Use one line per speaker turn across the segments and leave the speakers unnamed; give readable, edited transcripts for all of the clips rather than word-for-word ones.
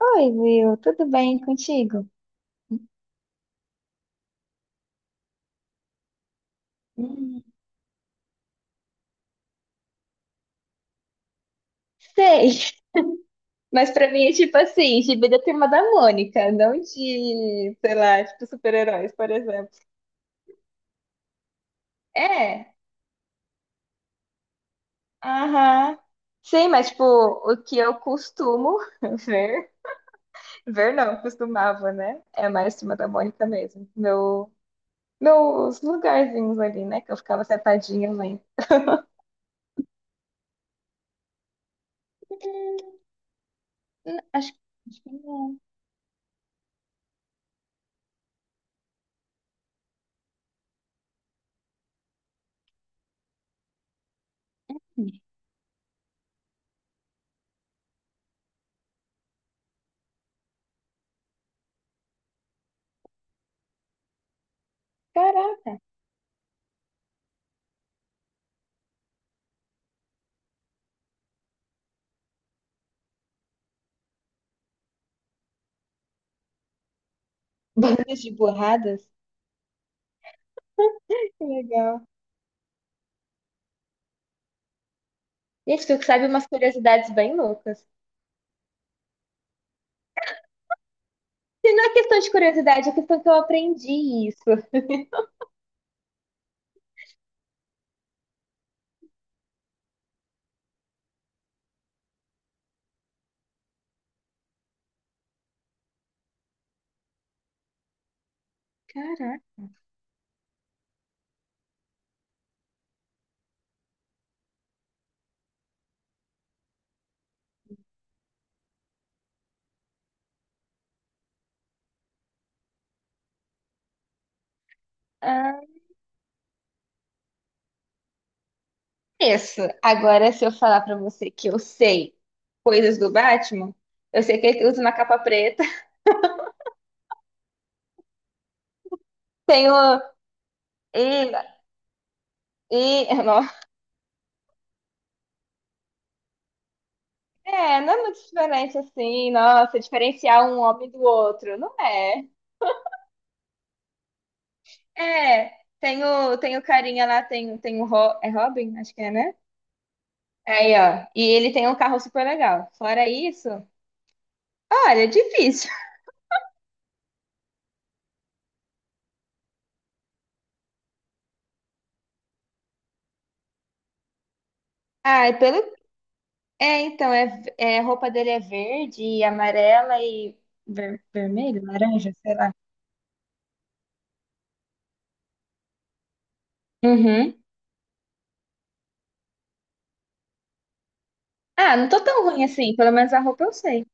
Oi, Will, tudo bem contigo? Hum. Sei, mas pra mim é tipo assim, gibi da Turma da Mônica, não de, sei lá, tipo super-heróis, por exemplo. É, aham. Sim, mas tipo, o que eu costumo ver, ver não, costumava, né? É mais Turma da Mônica mesmo. Meus lugarzinhos ali, né? Que eu ficava sentadinha lendo. Hum, Acho, acho que não. Caraca, bandas de borradas. Que legal. Gente, tu que sabe umas curiosidades bem loucas. E não é questão de curiosidade, é questão que eu aprendi isso. Caraca. Ah, isso. Agora, se eu falar pra você que eu sei coisas do Batman, eu sei que ele usa uma capa preta. Tenho. E, não. É, não é muito diferente assim. Nossa, diferenciar um homem do outro. Não é. É. Tem o carinha lá, tem o é Robin, acho que é, né? Aí, ó. E ele tem um carro super legal. Fora isso, olha, é difícil. Ah, é pelo. É, então, a roupa dele é verde e amarela e vermelho, laranja, sei lá. Uhum. Ah, não tô tão ruim assim, pelo menos a roupa eu sei.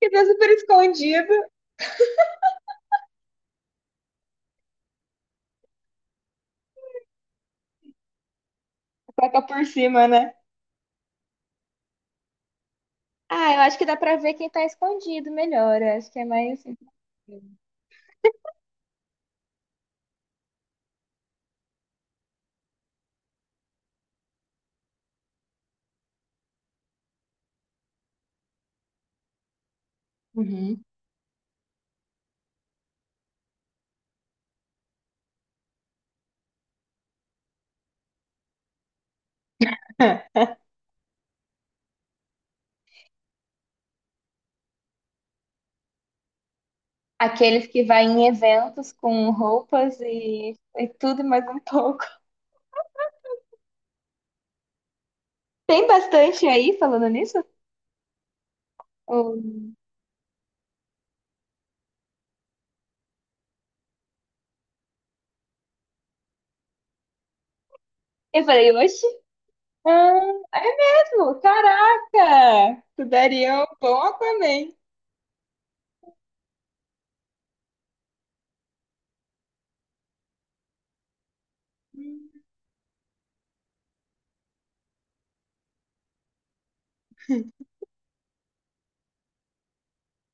Que tá super escondido, coloca por cima, né? Ah, eu acho que dá pra ver quem tá escondido melhor, eu acho que é mais assim. Uhum. Aqueles que vai em eventos com roupas e tudo e mais um pouco. Tem bastante aí falando nisso? Ou- Eu falei, oxe. Ah, é mesmo? Caraca! Tu daria um bom Aquaman. Hum,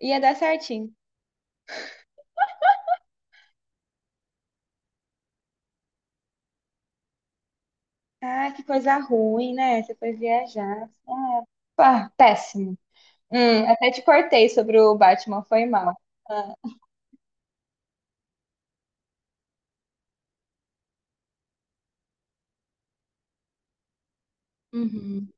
Ia dar certinho. Ah, que coisa ruim, né? Você foi viajar. Ah, pá, péssimo. Até te cortei sobre o Batman, foi mal. Ah, uhum.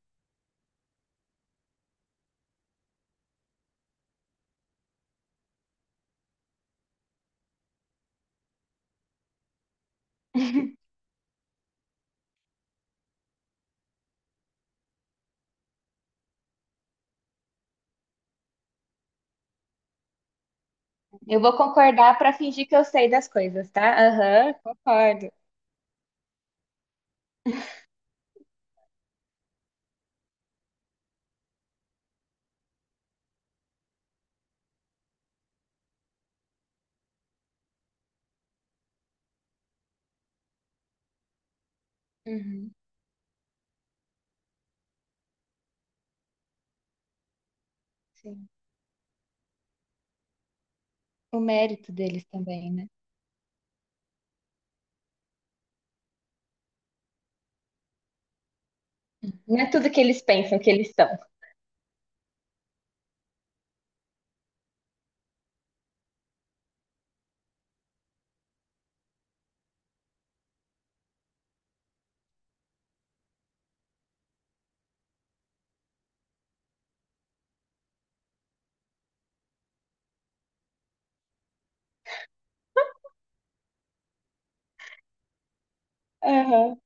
Eu vou concordar pra fingir que eu sei das coisas, tá? Aham, concordo. Uhum, sim. O mérito deles também, né? Não é tudo que eles pensam que eles são. Aham.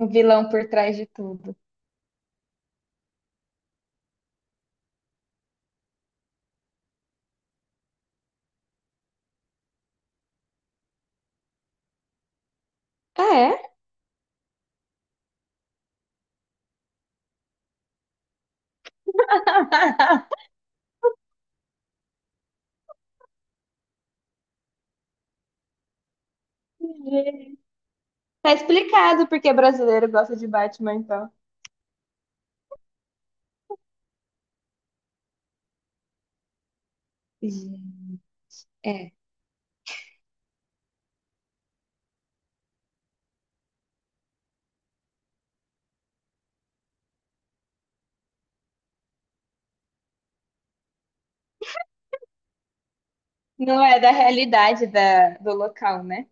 O vilão por trás de tudo. Ah, é? Entendi. Tá explicado porque brasileiro gosta de Batman, então. Gente, é. Não é da realidade da, do local, né?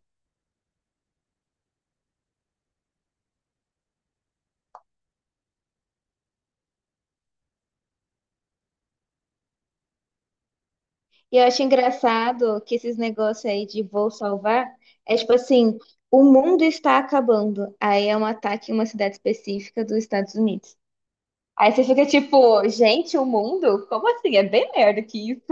E eu acho engraçado que esses negócios aí de vou salvar é tipo assim, o mundo está acabando. Aí é um ataque em uma cidade específica dos Estados Unidos. Aí você fica tipo, gente, o mundo? Como assim? É bem melhor do que isso.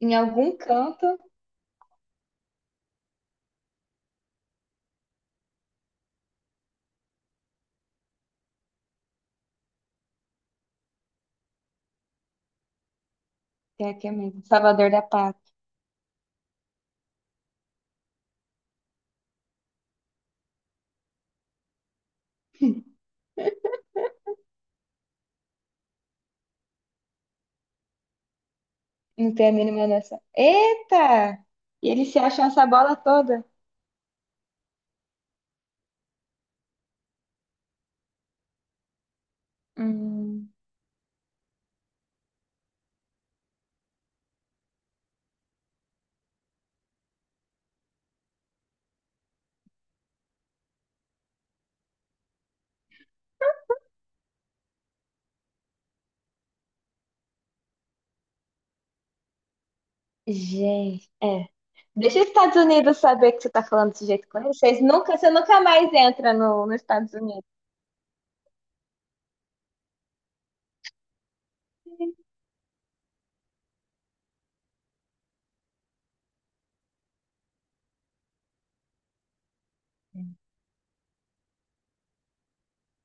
Em algum canto, que é aqui é mesmo, Salvador da Pátria. Não tem a mínima noção. Eita! E eles se acham essa bola toda. Hum, gente, é. Deixa os Estados Unidos saber que você tá falando desse jeito com eles. Vocês nunca, você nunca mais entra no, nos Estados Unidos.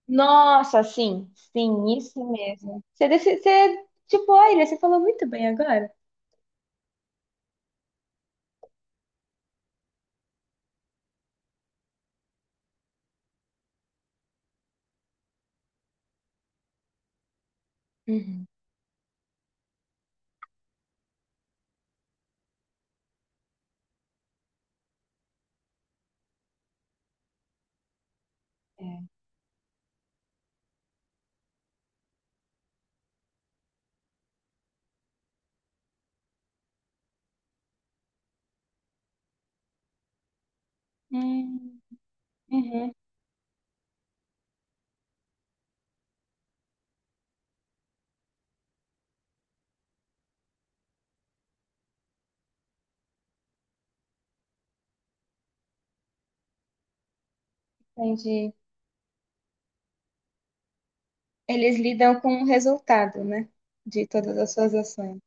Nossa, sim, sim, isso mesmo. Você, você tipo, olha, você falou muito bem agora. Uhum, é. Hum, uhum, entendi. Eles lidam com o resultado, né? De todas as suas ações.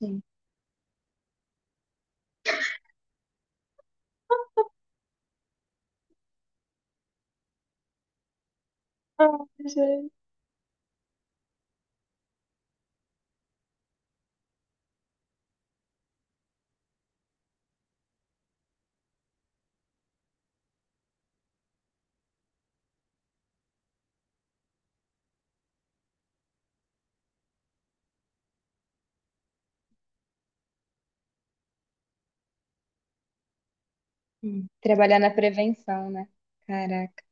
Sim. Ah, gente. Trabalhar na prevenção, né? Caraca.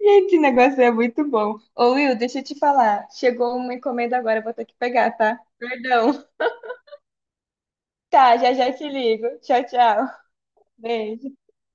Gente, o negócio é muito bom. Ô, Will, deixa eu te falar. Chegou uma encomenda agora, eu vou ter que pegar, tá? Perdão. Tá, já já te ligo. Tchau, tchau. Beijo.